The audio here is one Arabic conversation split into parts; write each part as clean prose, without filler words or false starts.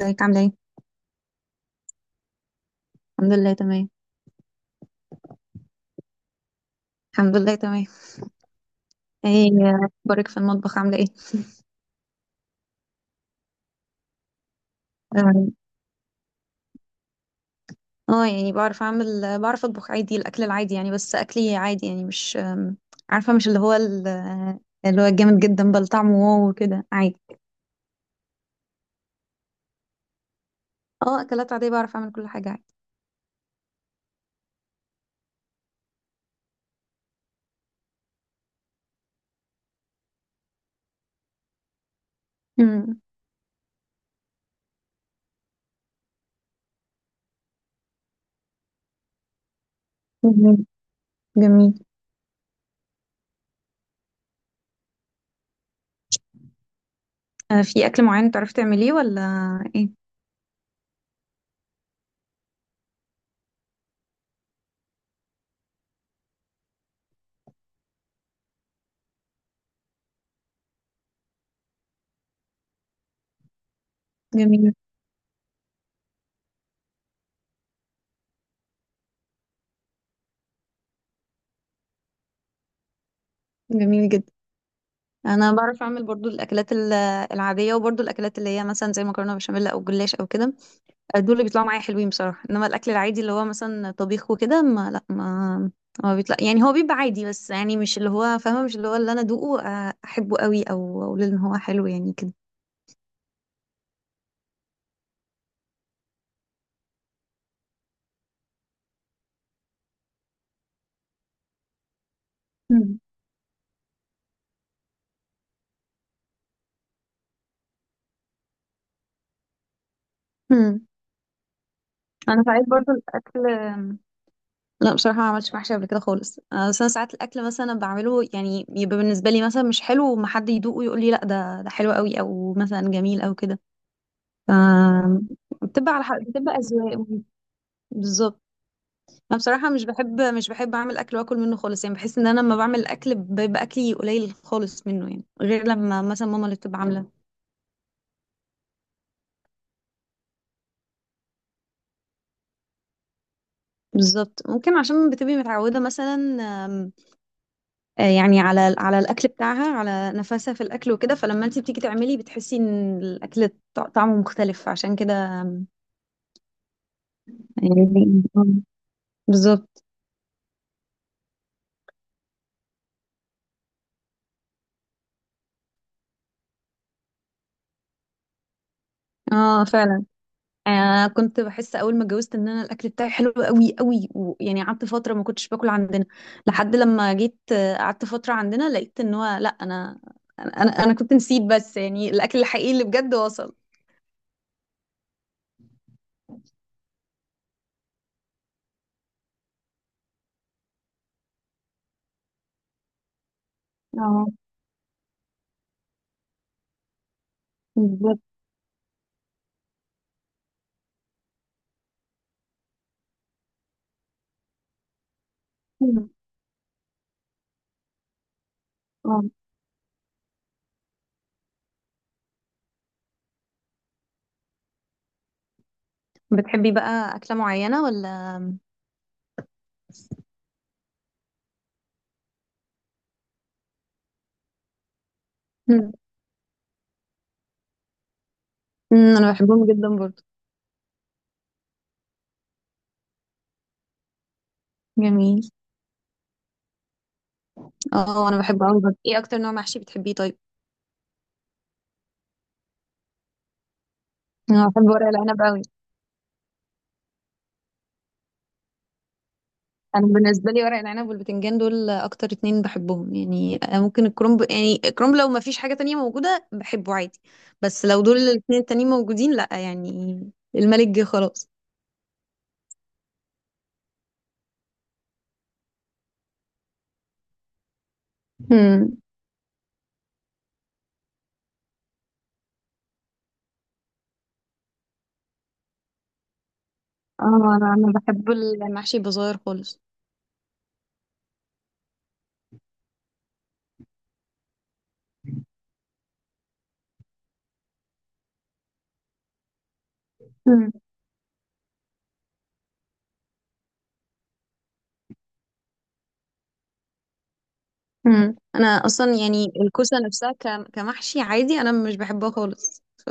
ازيك عاملة ايه؟ الحمد لله تمام. الحمد لله تمام. ايه اخبارك في المطبخ عاملة ايه؟ اه. يعني بعرف اطبخ عادي، الاكل العادي يعني، بس اكلي عادي يعني مش عارفة، مش اللي هو اللي هو جامد جدا بل طعمه واو وكده عادي. اه، اكلات عادية بعرف اعمل كل حاجة عادي. مم. جميل. جميل. آه، في اكل معين تعرفي تعمليه ولا؟ ايه؟ جميل. جميل جدا. انا بعرف اعمل برضو الاكلات العادية، وبرضو الاكلات اللي هي مثلا زي مكرونة بشاميل او جلاش او كده، دول اللي بيطلعوا معايا حلوين بصراحة. انما الاكل العادي اللي هو مثلا طبيخ وكده، ما لا ما ما بيطلع، يعني هو بيبقى عادي، بس يعني مش اللي هو فاهمة، مش اللي هو اللي انا ادوقه احبه قوي او اقول ان هو حلو يعني كده. مم. مم. انا ساعات برضو الاكل، لا بصراحة ما عملتش محشي قبل كده خالص. بس انا ساعات الاكل مثلا بعمله يعني يبقى بالنسبة لي مثلا مش حلو، وما حد يدوقه ويقول لي لا ده حلو قوي او مثلا جميل او كده. ف، بتبقى على حق، بتبقى اذواق. بالظبط. انا بصراحه مش بحب اعمل اكل واكل منه خالص، يعني بحس ان انا لما بعمل اكل بيبقى اكلي قليل خالص منه، يعني غير لما مثلا ماما اللي بتبقى عامله. بالظبط، ممكن عشان بتبقي متعوده مثلا. آم، يعني على الاكل بتاعها، على نفسها في الاكل وكده، فلما انت بتيجي تعملي بتحسي ان الاكل طعمه مختلف عشان كده. آم، يعني. بالظبط. اه فعلا. آه، كنت بحس اول ما اتجوزت ان انا الاكل بتاعي حلو قوي قوي، ويعني قعدت فتره ما كنتش باكل عندنا، لحد لما جيت قعدت فتره عندنا، لقيت ان هو لا انا، أنا كنت نسيت، بس يعني الاكل الحقيقي اللي بجد وصل. اه بالظبط. اه، بتحبي بقى اكله معينه ولا؟ مم. مم، انا بحبهم جدا برضو. جميل. اه انا بحبه قوي برضو، ايه اكتر نوع محشي بتحبيه طيب؟ انا بحب ورق العنب قوي. انا بالنسبه لي ورق العنب والبتنجان دول اكتر اتنين بحبهم، يعني ممكن الكرنب، يعني الكرنب لو ما فيش حاجه تانية موجوده بحبه عادي، بس لو دول الاتنين التانيين موجودين لا يعني، الملك جه خلاص. امم. اه، أنا بحب المحشي بصغير خالص. امم. امم. انا اصلا يعني الكوسه نفسها كمحشي عادي انا مش بحبها خالص. ف،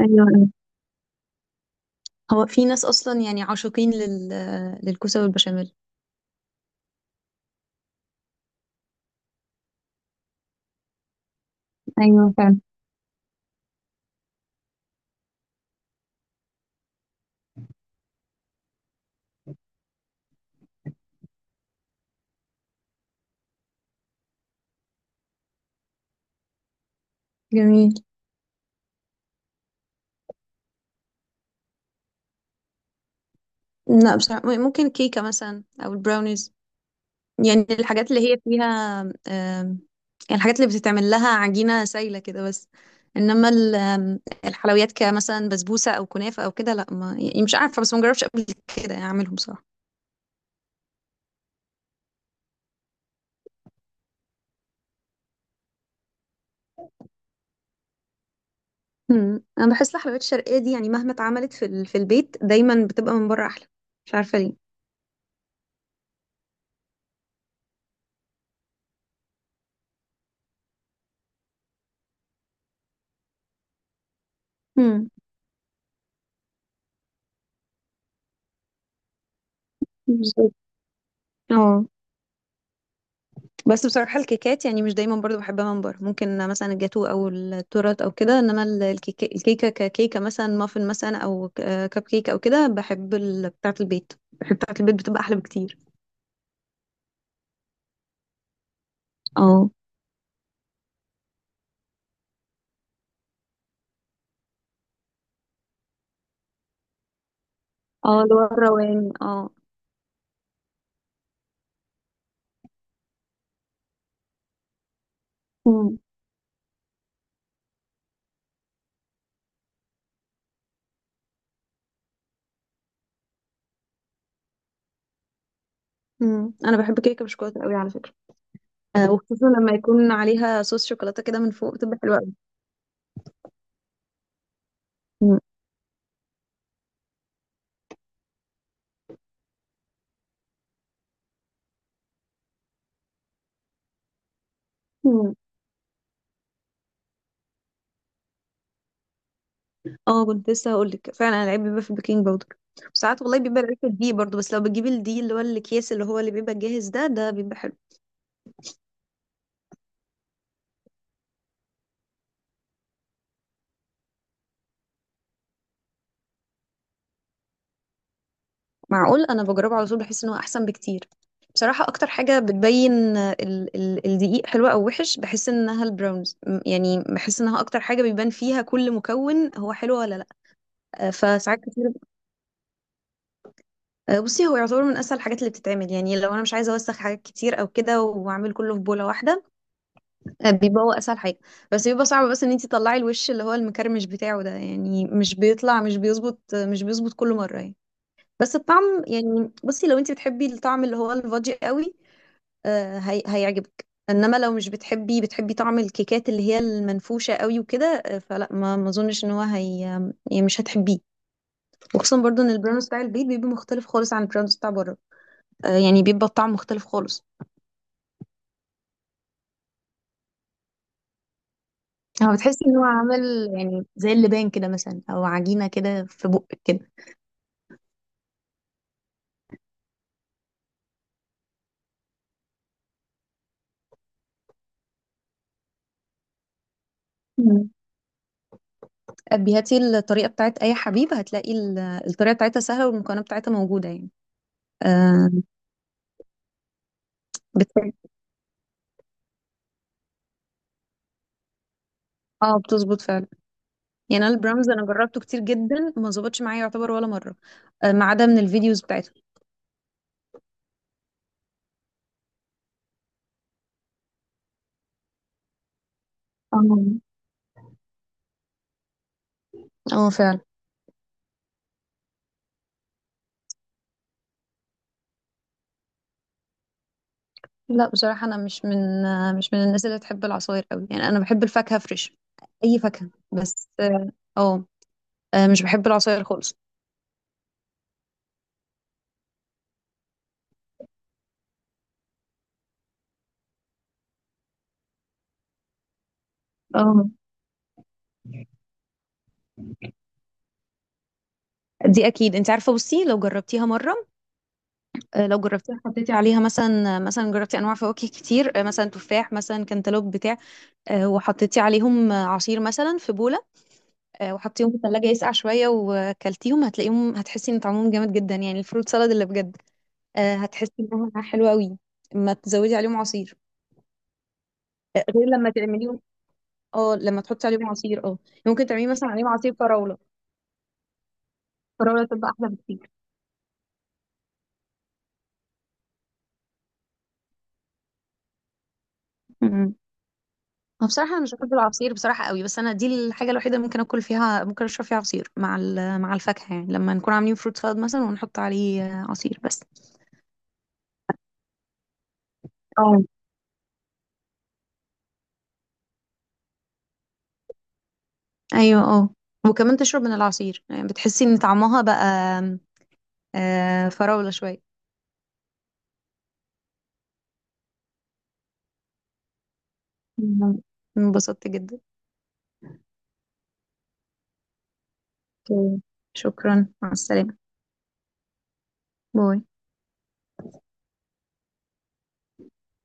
ايوه. هو في ناس اصلا يعني عاشقين لل... للكوسه والبشاميل. ايوه فعلا. جميل. لا بصراحة، ممكن كيكة مثلا أو البراونيز، يعني الحاجات اللي هي فيها يعني الحاجات اللي بتتعمل لها عجينة سايلة كده بس. إنما الحلويات كمثلا بسبوسة أو كنافة أو كده، لا ما يعني مش عارفة، بس ما جربتش قبل كده يعني أعملهم بصراحة. مم. أنا بحس الحلويات الشرقية دي يعني مهما اتعملت في في البيت دايما بتبقى من بره أحلى، مش عارفة ليه. مم. بالظبط. اه. بس بصراحة الكيكات يعني مش دايما برضو بحبها من بره، ممكن مثلا الجاتو او التورت او كده، انما الكيكة ككيكة، مثلا مافن مثلا، او كب كيك او كده، بحب بتاعة البيت، بحب بتاعة البيت، بتبقى احلى بكتير. اه. اه، اللي هو الرواني. اه. مم. مم. انا بحب كيكة بالشوكولاتة قوي على فكرة. وخصوصا لما يكون عليها صوص شوكولاتة كده من فوق بتبقى حلوة قوي. مم. مم. اه كنت لسه هقول لك فعلا العيب بيبقى في البيكنج باودر. ساعات والله بيبقى العيب في الدقيق برضو، بس لو بتجيب الدقيق اللي هو الاكياس اللي هو اللي بيبقى جاهز ده بيبقى حلو. معقول، انا بجربه على طول، بحس ان هو احسن بكتير بصراحه، اكتر حاجه بتبين ال ال الدقيق حلوه او وحش، بحس انها البراونز، يعني بحس انها اكتر حاجه بيبان فيها كل مكون هو حلو ولا لا. فساعات كتير بصي، هو يعتبر من اسهل الحاجات اللي بتتعمل، يعني لو انا مش عايزه اوسخ حاجات كتير او كده واعمل كله في بوله واحده، بيبقى هو اسهل حاجه، بس بيبقى صعب بس ان انت تطلعي الوش اللي هو المكرمش بتاعه ده، يعني مش بيظبط كل مره يعني، بس الطعم يعني بصي، لو انت بتحبي الطعم اللي هو الفادي قوي هي... هيعجبك، انما لو مش بتحبي، بتحبي طعم الكيكات اللي هي المنفوشه قوي وكده فلا، ما اظنش ان هو هي، يعني مش هتحبيه. وخصوصا برضو ان البراون بتاع البيت بيبقى مختلف خالص عن البراون بتاع بره، يعني بيبقى الطعم مختلف خالص. هو بتحسي ان هو عامل يعني زي اللبان كده مثلا، او عجينه كده في بقك كده. مم. أبي هاتي الطريقة بتاعت أي حبيب، هتلاقي الطريقة بتاعتها سهلة والمكونات بتاعتها موجودة يعني. آه. بت... اه بتظبط فعلا. يعني انا البرامز انا جربته كتير جدا ما ظبطش معايا يعتبر ولا مره، ما عدا من الفيديوز بتاعته. اه. اه فعلا. لا بصراحه انا مش من مش من الناس اللي بتحب العصاير قوي، يعني انا بحب الفاكهه فريش، اي فاكهه بس اه. آه، مش بحب العصاير خالص. اه. دي اكيد انت عارفه، بصي لو جربتيها مره لو جربتيها حطيتي عليها مثلا، مثلا جربتي انواع فواكه كتير، مثلا تفاح مثلا كانتالوب بتاع، وحطيتي عليهم عصير مثلا في بوله، وحطيهم في الثلاجة يسقع شوية وكلتيهم هتلاقيهم هتحسي ان طعمهم جامد جدا، يعني الفروت سالاد اللي بجد، هتحسي انها حلوة قوي اما تزودي عليهم عصير غير لما تعمليهم. اه لما تحطي عليهم عصير، اه يعني ممكن تعملي مثلا عليهم عصير فراولة. فراولة تبقى احلى بكتير. امم. أنا بصراحة أنا مش بحب العصير بصراحة قوي، بس أنا دي الحاجة الوحيدة اللي ممكن أكل فيها، ممكن أشرب فيها عصير مع مع الفاكهة، يعني لما نكون عاملين فروت سالاد مثلا ونحط عليه عصير بس. اه. ايوه. اه. وكمان تشرب من العصير، يعني بتحسي ان طعمها بقى فراولة شوية. مم. انبسطت جدا. اوكي. شكرا، مع السلامة. باي.